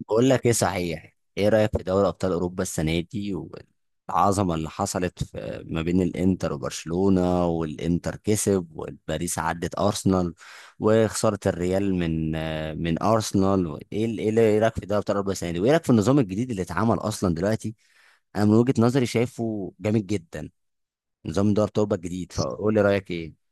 بقول لك ايه، صحيح، ايه رايك في دوري ابطال اوروبا السنه دي؟ والعظمه اللي حصلت في ما بين الانتر وبرشلونه، والانتر كسب، والباريس عدت ارسنال، وخساره الريال من من ارسنال. ايه ال- ايه اللي- إيه رايك في دوري ابطال اوروبا السنه دي، وايه رايك في النظام الجديد اللي اتعمل اصلا دلوقتي؟ انا من وجهه نظري شايفه جامد جدا. نظام دوري ابطال اوروبا الجديد، فقول لي رايك ايه.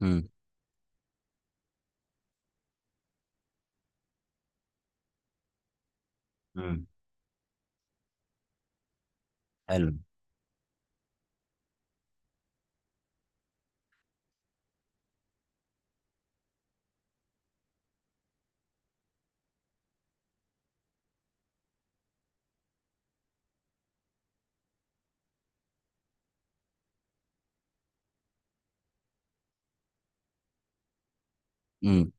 امم. مم. حلو. امم.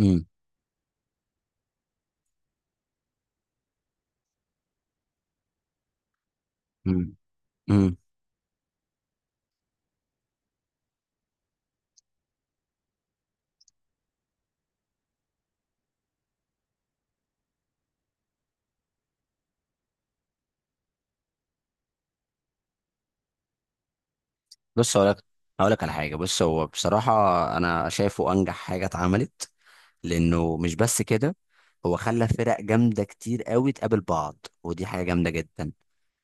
امم. مم. بص، هقولك على حاجة. بص هو بصراحة أنا شايفه أنجح حاجة اتعملت، لأنه مش بس كده، هو خلى فرق جامدة كتير قوي تقابل بعض، ودي حاجة جامدة جدا.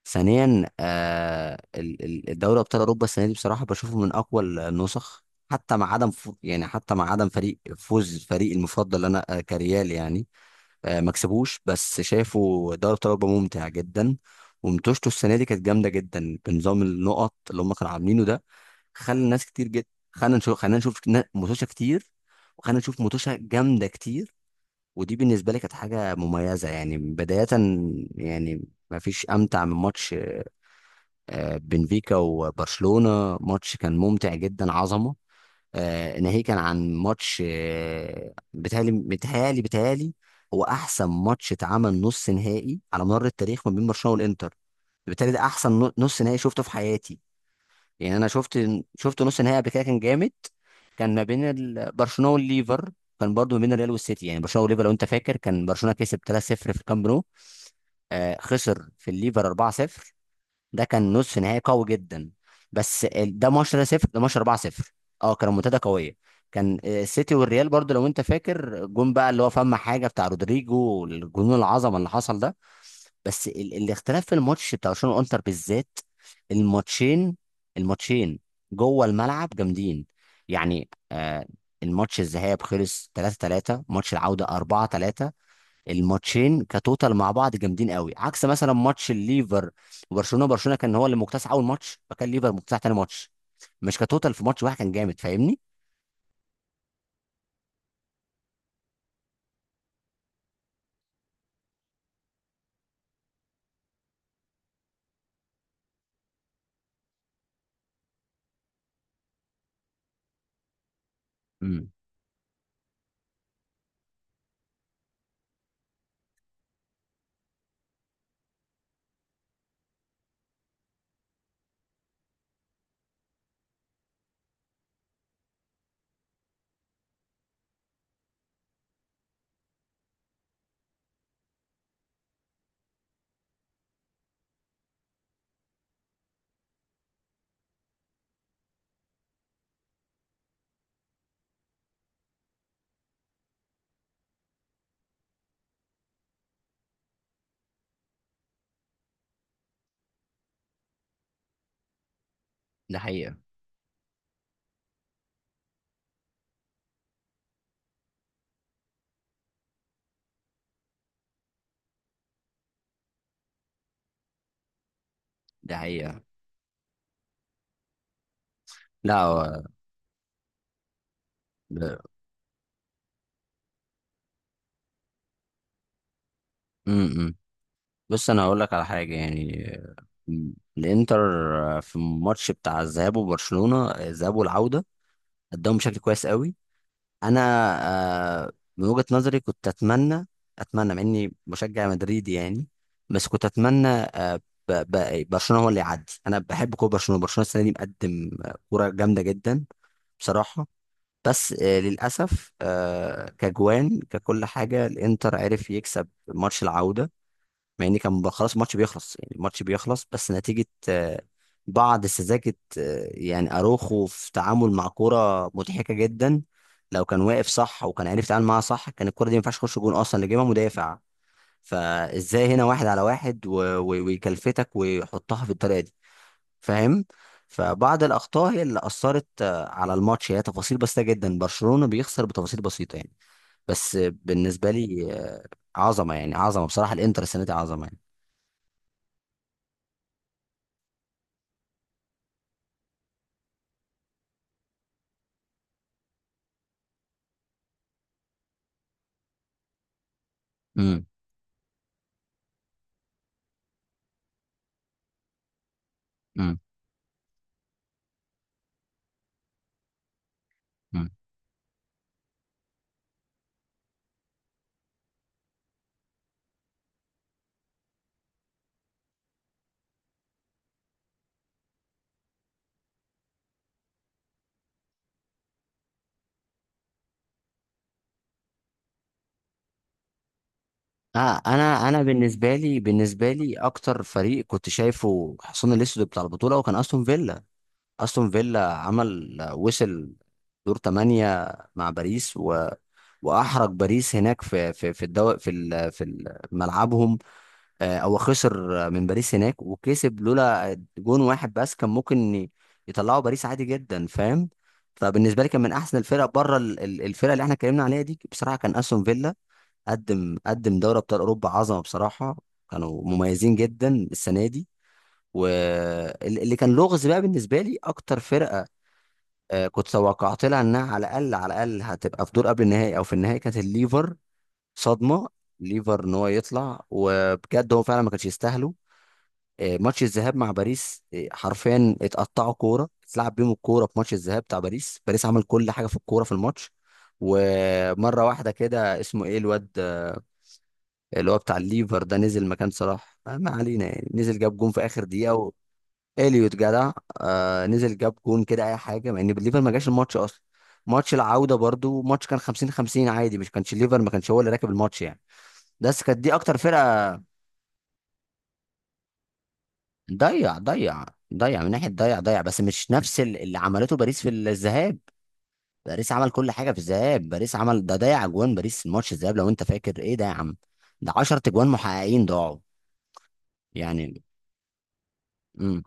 ثانيا، الدوري أبطال أوروبا السنة دي بصراحة بشوفه من أقوى النسخ، حتى مع عدم يعني حتى مع عدم فريق، فوز فريق المفضل اللي أنا، كريال يعني، آه، ما كسبوش، بس شايفه دوري أبطال أوروبا ممتع جدا. ومتوشته السنة دي كانت جامدة جدا، بنظام النقط اللي هم كانوا عاملينه ده. خلى ناس كتير جدا، خلى نشوف خلينا نشوف متوشة كتير، وخلينا نشوف متوشة جامدة كتير. ودي بالنسبة لي كانت حاجة مميزة، يعني بداية، يعني ما فيش أمتع من ماتش بنفيكا وبرشلونة. ماتش كان ممتع جدا، عظمة. ناهيك كان عن ماتش، بيتهيألي هو أحسن ماتش اتعمل نص نهائي على مر التاريخ، ما بين برشلونة والإنتر. بالتالي ده أحسن نص نهائي شفته في حياتي. يعني انا شفت نص نهائي قبل كده كان جامد، كان ما بين برشلونه والليفر، كان برضو ما بين الريال والسيتي. يعني برشلونه والليفر لو انت فاكر، كان برشلونه كسب 3-0 في الكامب نو، خسر في الليفر 4-0. ده كان نصف نهائي قوي جدا. ده ماتش ده صفر، ده ماتش 4-0. اه كان منتدى قويه. كان السيتي والريال برضو لو انت فاكر، جون بقى اللي هو فما حاجه بتاع رودريجو، والجنون العظمه اللي حصل ده. بس ال الاختلاف في الماتش بتاع برشلونه وانتر بالذات، الماتشين الماتشين جوه الملعب جامدين. يعني آه الماتش الذهاب خلص 3-3، ماتش العوده 4-3. الماتشين كتوتال مع بعض جامدين قوي، عكس مثلا ماتش الليفر وبرشلونه. برشلونه كان هو اللي مكتسح اول ماتش، فكان ليفر مكتسح تاني ماتش، مش كتوتال في ماتش واحد كان جامد. فاهمني؟ امم. ده حقيقة. ده حقيقة. لا هو. ده- امم. بص انا هقول لك على حاجه، يعني، م، الانتر في الماتش بتاع الذهاب وبرشلونه، الذهاب والعوده، قدموا بشكل كويس قوي. انا، آه، من وجهة نظري كنت اتمنى مع اني مشجع مدريدي يعني، بس كنت اتمنى، برشلونة هو اللي يعدي. انا بحب كوره برشلونة. برشلونة السنة دي مقدم كوره جامدة جدا بصراحة. بس للاسف كجوان ككل حاجة، الانتر عرف يكسب ماتش العودة، مع ان كان خلاص الماتش بيخلص، يعني الماتش بيخلص بس، نتيجة بعض سذاجة. يعني اروخو في تعامل مع كرة مضحكة جدا. لو كان واقف صح وكان عارف يتعامل معاها صح، كان الكرة دي ما ينفعش تخش جون، اصلا اللي جايبها مدافع. فازاي هنا واحد على واحد ويكلفتك ويحطها في الطريقة دي؟ فاهم؟ فبعض الاخطاء هي اللي اثرت على الماتش، هي تفاصيل بسيطة جدا، برشلونة بيخسر بتفاصيل بسيطة يعني. بس بالنسبة لي، عظمة يعني، عظمة بصراحة، الانتر السنة دي عظمة يعني. مم. مم. انا بالنسبه لي، اكتر فريق كنت شايفه حصان الاسود بتاع البطوله، وكان استون فيلا. استون فيلا عمل، وصل دور 8 مع باريس، و... واحرج باريس هناك في الدو... في ال... ملعبهم. هو خسر من باريس هناك، وكسب، لولا جون واحد بس كان ممكن يطلعوا باريس عادي جدا. فاهم؟ فبالنسبه لي كان من احسن الفرق، بره الفرق اللي احنا اتكلمنا عليها دي، بصراحه كان استون فيلا. قدم دوري ابطال اوروبا عظمه بصراحه، كانوا مميزين جدا السنه دي. واللي كان لغز بقى بالنسبه لي، اكتر فرقه كنت توقعت لها انها على الاقل، على الاقل هتبقى في دور قبل النهائي او في النهائي، كانت الليفر. صدمه. ليفر ان هو يطلع، وبجد هو فعلا ما كانش يستاهله. ماتش الذهاب مع باريس، حرفيا اتقطعوا كوره، اتلعب بيهم الكوره في ماتش الذهاب بتاع باريس. باريس عمل كل حاجه في الكوره في الماتش. ومره واحده كده، اسمه ايه الواد، اللي هو بتاع الليفر ده، نزل مكان صلاح، ما علينا يعني، نزل جاب جون في اخر دقيقه، و... اليوت جدع. نزل جاب جون كده، اي حاجه، مع ان الليفر ما جاش الماتش اصلا. ماتش العوده برضو ماتش كان 50-50 عادي، مش كانش الليفر، ما كانش هو اللي راكب الماتش يعني. بس كانت دي اكتر فرقه. ضيع ضيع، ضيع من ناحيه، ضيع ضيع، بس مش نفس اللي عملته باريس في الذهاب. باريس عمل كل حاجه في الذهاب. باريس عمل، ده ضيع اجوان. باريس الماتش الذهاب لو انت فاكر، ايه ده يا عم؟ ده 10 اجوان محققين ضاعوا يعني. امم.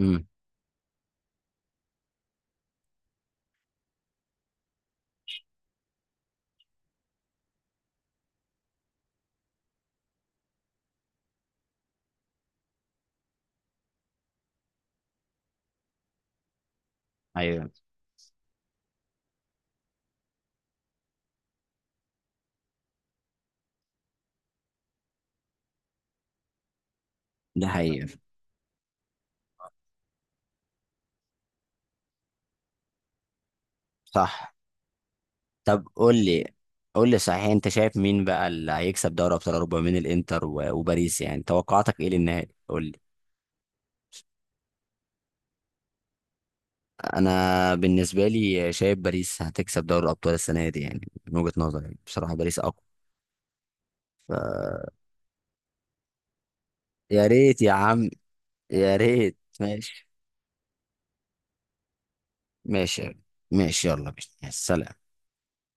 امم. ايوه. ده حقيقي. صح. طب قول لي صحيح، انت شايف مين بقى اللي هيكسب دوري ابطال اوروبا من الانتر وباريس؟ يعني توقعاتك ايه للنهائي؟ قول لي. انا بالنسبه لي شايف باريس هتكسب دوري الابطال السنه دي، يعني من وجهه نظري بصراحه باريس اقوى. ف... يا ريت يا عم. يا ريت، ماشي. ماشي. ماشي، يلا بينا. يا سلام.